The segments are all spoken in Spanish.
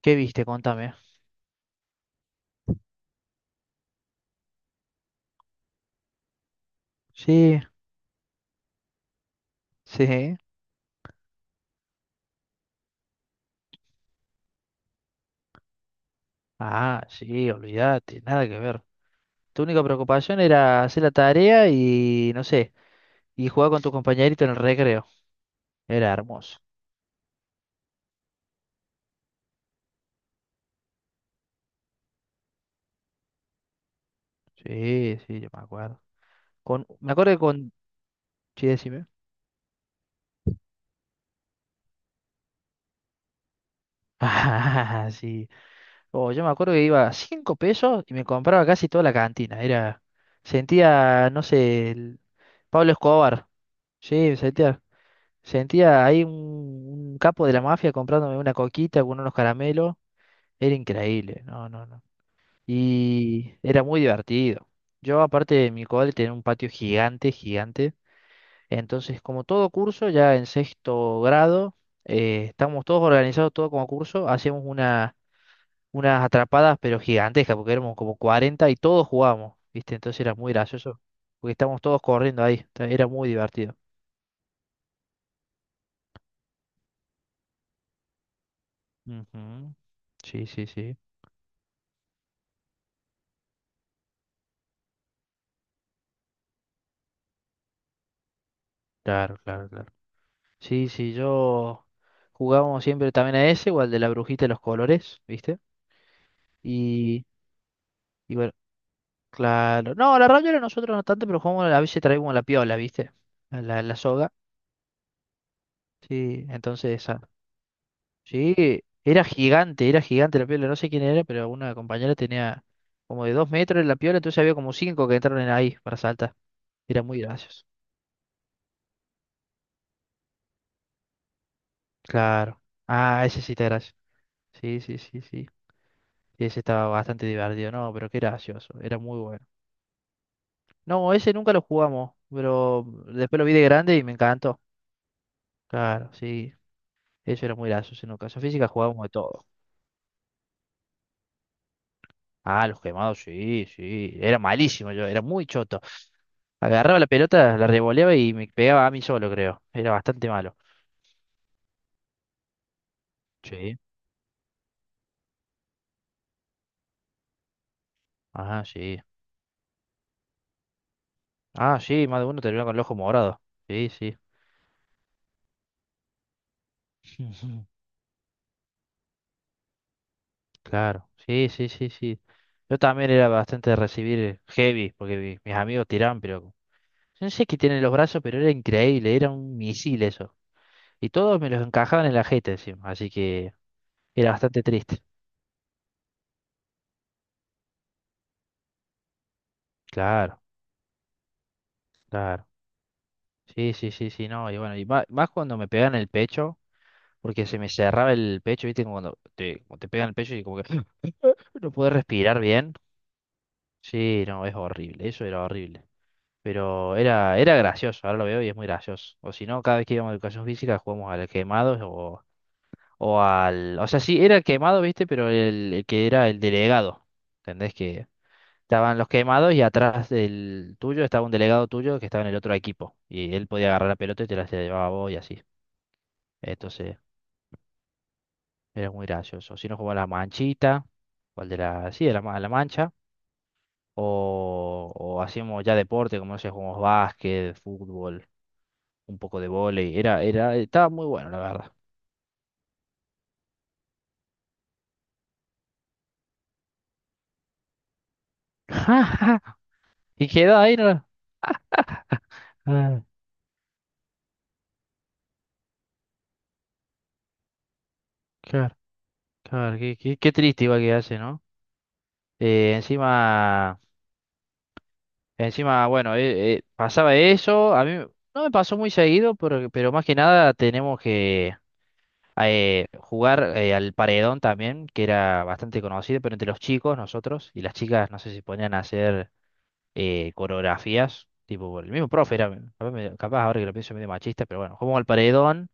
¿Qué viste? Contame. Sí, sí. Ah, sí, olvídate, nada que ver. Tu única preocupación era hacer la tarea y, no sé, y jugar con tu compañerito en el recreo. Era hermoso. Sí, sí, yo me acuerdo. Con, me acuerdo que con... Sí, decime. Ah, sí. Oh, yo me acuerdo que iba a 5 pesos y me compraba casi toda la cantina. Era... Sentía, no sé, el... Pablo Escobar. Sí, me sentía... Sentía ahí un capo de la mafia comprándome una coquita con unos caramelos. Era increíble, no, no, no. Y era muy divertido. Yo, aparte de mi cole, tenía un patio gigante, gigante. Entonces, como todo curso, ya en sexto grado, estábamos todos organizados, todo como curso, hacíamos unas atrapadas, pero gigantescas, porque éramos como 40 y todos jugábamos, ¿viste? Entonces era muy gracioso, porque estábamos todos corriendo ahí. Era muy divertido. Ujú. Sí, sí, sí. Claro, claro, claro. Sí, sí, yo jugábamos siempre también a ese, igual de la brujita de los colores, ¿viste? Y, y bueno, claro. No, la rabiola nosotros no tanto, pero jugamos, a veces traíamos la piola, ¿viste? A la soga. Sí, entonces esa. Sí, era gigante la piola, no sé quién era, pero una compañera tenía como de 2 metros la piola, entonces había como cinco que entraron en ahí para saltar. Era muy gracioso. Claro. Ah, ese sí te gracioso. Sí, sí, sí, sí. Ese estaba bastante divertido, no, pero qué gracioso, era muy bueno. No, ese nunca lo jugamos, pero después lo vi de grande y me encantó. Claro, sí, eso era muy gracioso. En educación física jugábamos de todo. Ah, los quemados, sí, sí. Era malísimo yo, era muy choto. Agarraba la pelota, la revoleaba y me pegaba a mí solo, creo. Era bastante malo. Sí. Ah, sí. Ah, sí, más de uno terminó con el ojo morado. Sí, sí. Claro, sí, sí, sí, sí. Yo también era bastante de recibir heavy, porque mis amigos tiraban, pero... No sé qué tienen los brazos, pero era increíble, era un misil eso. Y todos me los encajaban en la jeta encima, así que era bastante triste. Claro, claro. Sí, sí, sí, sí, no. Y bueno, y más, cuando me pegan el pecho, porque se me cerraba el pecho, ¿viste? Como te pegan el pecho y como que no puedes respirar bien. Sí, no, es horrible, eso era horrible. Pero era gracioso, ahora lo veo y es muy gracioso. O si no, cada vez que íbamos a educación física jugamos al quemado o al... O sea, sí, era el quemado, ¿viste? Pero el que era el delegado. ¿Entendés que... Estaban los quemados y atrás del tuyo estaba un delegado tuyo que estaba en el otro equipo. Y él podía agarrar la pelota y te la llevaba a vos y así. Entonces, era muy gracioso. Si no jugaba la manchita, o el de la, sí, de la, la mancha, o hacíamos ya deporte, como no sé, jugamos básquet, fútbol, un poco de vóley. Estaba muy bueno, la verdad. Y quedó ahí, ¿no? Ah, claro, claro, qué triste igual que hace, ¿no? Eh, encima. Encima, bueno, pasaba eso, a mí no me pasó muy seguido, pero más que nada tenemos que jugar al paredón también, que era bastante conocido, pero entre los chicos, nosotros, y las chicas, no sé si ponían a hacer coreografías, tipo, por el mismo profe era, capaz, capaz ahora que lo pienso medio machista, pero bueno, jugamos al paredón,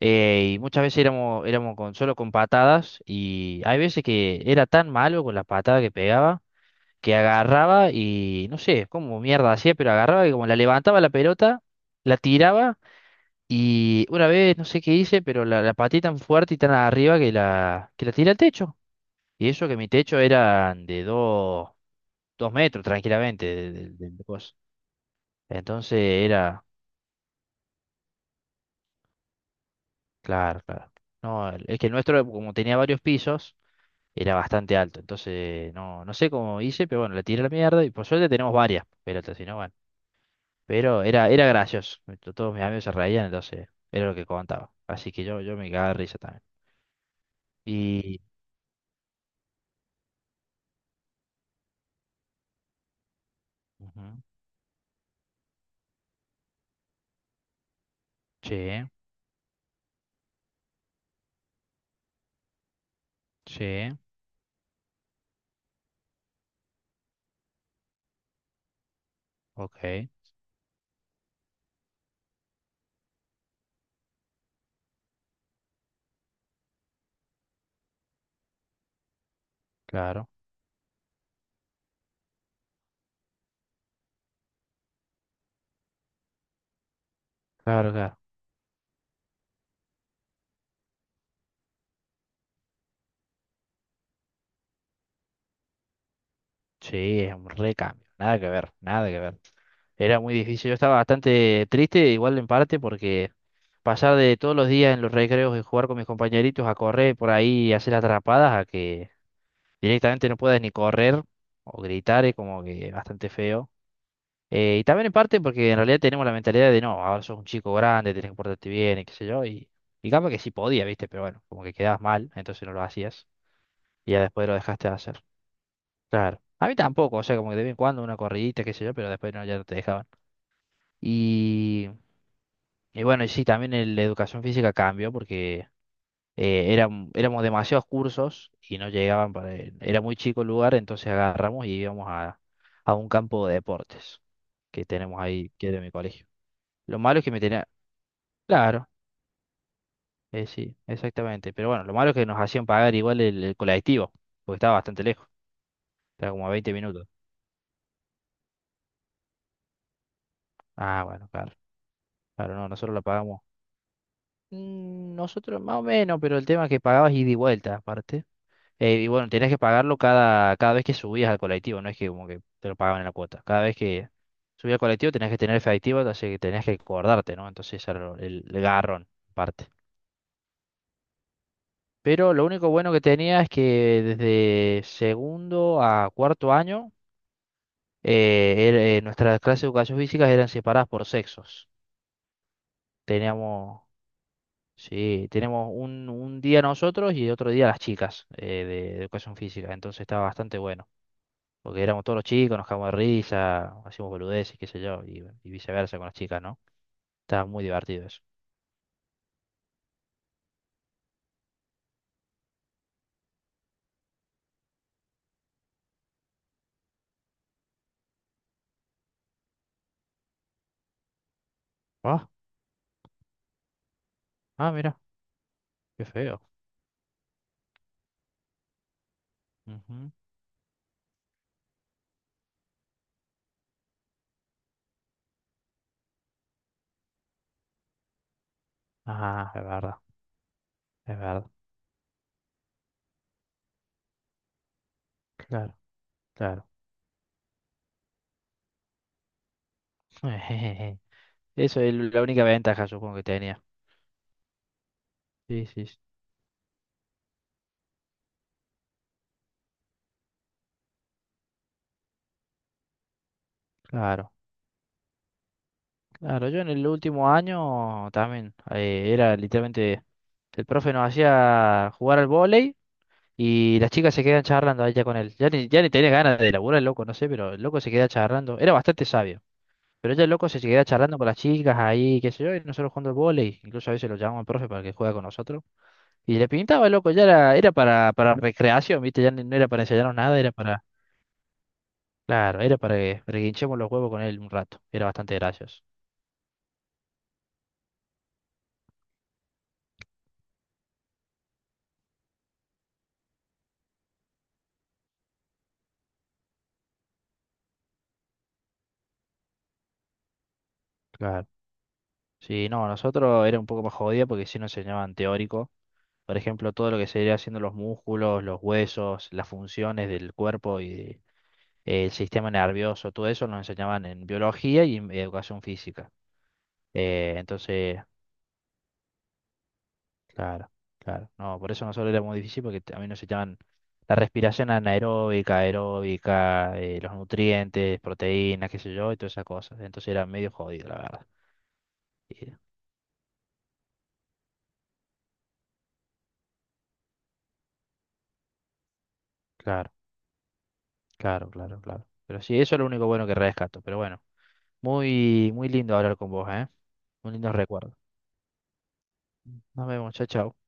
y muchas veces éramos solo con patadas, y hay veces que era tan malo con las patadas que pegaba que agarraba y no sé cómo mierda hacía, pero agarraba y como la levantaba la pelota, la tiraba y una vez no sé qué hice, pero la pateé tan fuerte y tan arriba que la tiré al techo. Y eso que mi techo era de 2 metros tranquilamente de cosas. Entonces era, claro, claro. No, es que el nuestro, como tenía varios pisos, era bastante alto. Entonces, no, no sé cómo hice, pero bueno, la tiré a la mierda y por suerte tenemos varias pelotas, si no, bueno. Pero era gracioso. Todos mis amigos se reían, entonces era lo que contaba. Así que yo me cagaba de risa también. Y. Ujú, sí, sí, ok, claro, claro, claro. Sí, es un recambio. Nada que ver, nada que ver. Era muy difícil. Yo estaba bastante triste, igual en parte, porque pasar de todos los días en los recreos y jugar con mis compañeritos a correr por ahí y hacer atrapadas a que directamente no puedas ni correr o gritar es como que bastante feo. Y también en parte porque en realidad tenemos la mentalidad de no, ahora sos un chico grande, tenés que portarte bien y qué sé yo. Y capaz que sí podía, ¿viste? Pero bueno, como que quedabas mal, entonces no lo hacías. Y ya después lo dejaste de hacer. Claro. A mí tampoco, o sea, como que de vez en cuando una corridita, qué sé yo, pero después no, ya no te dejaban. Y, y bueno, y sí, también la educación física cambió porque éramos demasiados cursos y no llegaban para... Era muy chico el lugar, entonces agarramos y íbamos a, un campo de deportes que tenemos ahí, que es de mi colegio. Lo malo es que me tenía. Claro, sí, exactamente. Pero bueno, lo malo es que nos hacían pagar igual el colectivo, porque estaba bastante lejos, estaba como a 20 minutos. Ah, bueno, claro, claro, no, nosotros la pagamos. Nosotros más o menos, pero el tema es que pagabas ida y vuelta, aparte. Y bueno, tenías que pagarlo cada vez que subías al colectivo, no es que como que te lo pagaban en la cuota. Cada vez que subías al colectivo tenías que tener efectivo, así que tenías que acordarte, ¿no? Entonces ese era el garrón, aparte. Pero lo único bueno que tenía es que desde segundo a cuarto año nuestras clases de educación física eran separadas por sexos. Teníamos, sí, tenemos un, día nosotros y otro día las chicas educación física. Entonces estaba bastante bueno. Porque éramos todos los chicos, nos cagamos de risa, hacíamos boludeces, qué sé yo, y viceversa con las chicas, ¿no? Estaba muy divertido eso. Ah, ah, mira, qué feo. Ujú. Ah, es verdad, es verdad. Claro, claro. Eso es la única ventaja, supongo que tenía. Sí, sí, sí. Claro. Claro, yo en el último año también era literalmente, el profe nos hacía jugar al vóley y las chicas se quedan charlando allá con él. Ya ni tenía ganas de laburar el loco, no sé, pero el loco se queda charlando. Era bastante sabio, pero ya el loco se queda charlando con las chicas ahí, qué sé yo, y nosotros jugando al vóley. Incluso a veces lo llamamos al profe para que juegue con nosotros. Y le pintaba el loco, ya era para recreación, ¿viste? Ya no era para enseñarnos nada, era para, claro, era para que hinchemos los huevos con él un rato. Era bastante gracioso. Claro. Sí, no, nosotros era un poco más jodido porque sí nos enseñaban teórico. Por ejemplo, todo lo que sería haciendo los músculos, los huesos, las funciones del cuerpo y el sistema nervioso, todo eso nos enseñaban en biología y en educación física. Entonces, claro, claro. No, por eso nosotros era muy difícil porque a mí nos enseñaban la respiración anaeróbica, aeróbica, los nutrientes, proteínas, qué sé yo, y todas esas cosas. Entonces era medio jodido, la verdad. Y, claro, claro, claro, claro. Pero sí, eso es lo único bueno que rescato. Pero bueno. Muy, muy lindo hablar con vos, ¿eh? Un lindo recuerdo. Nos vemos, chao, chao.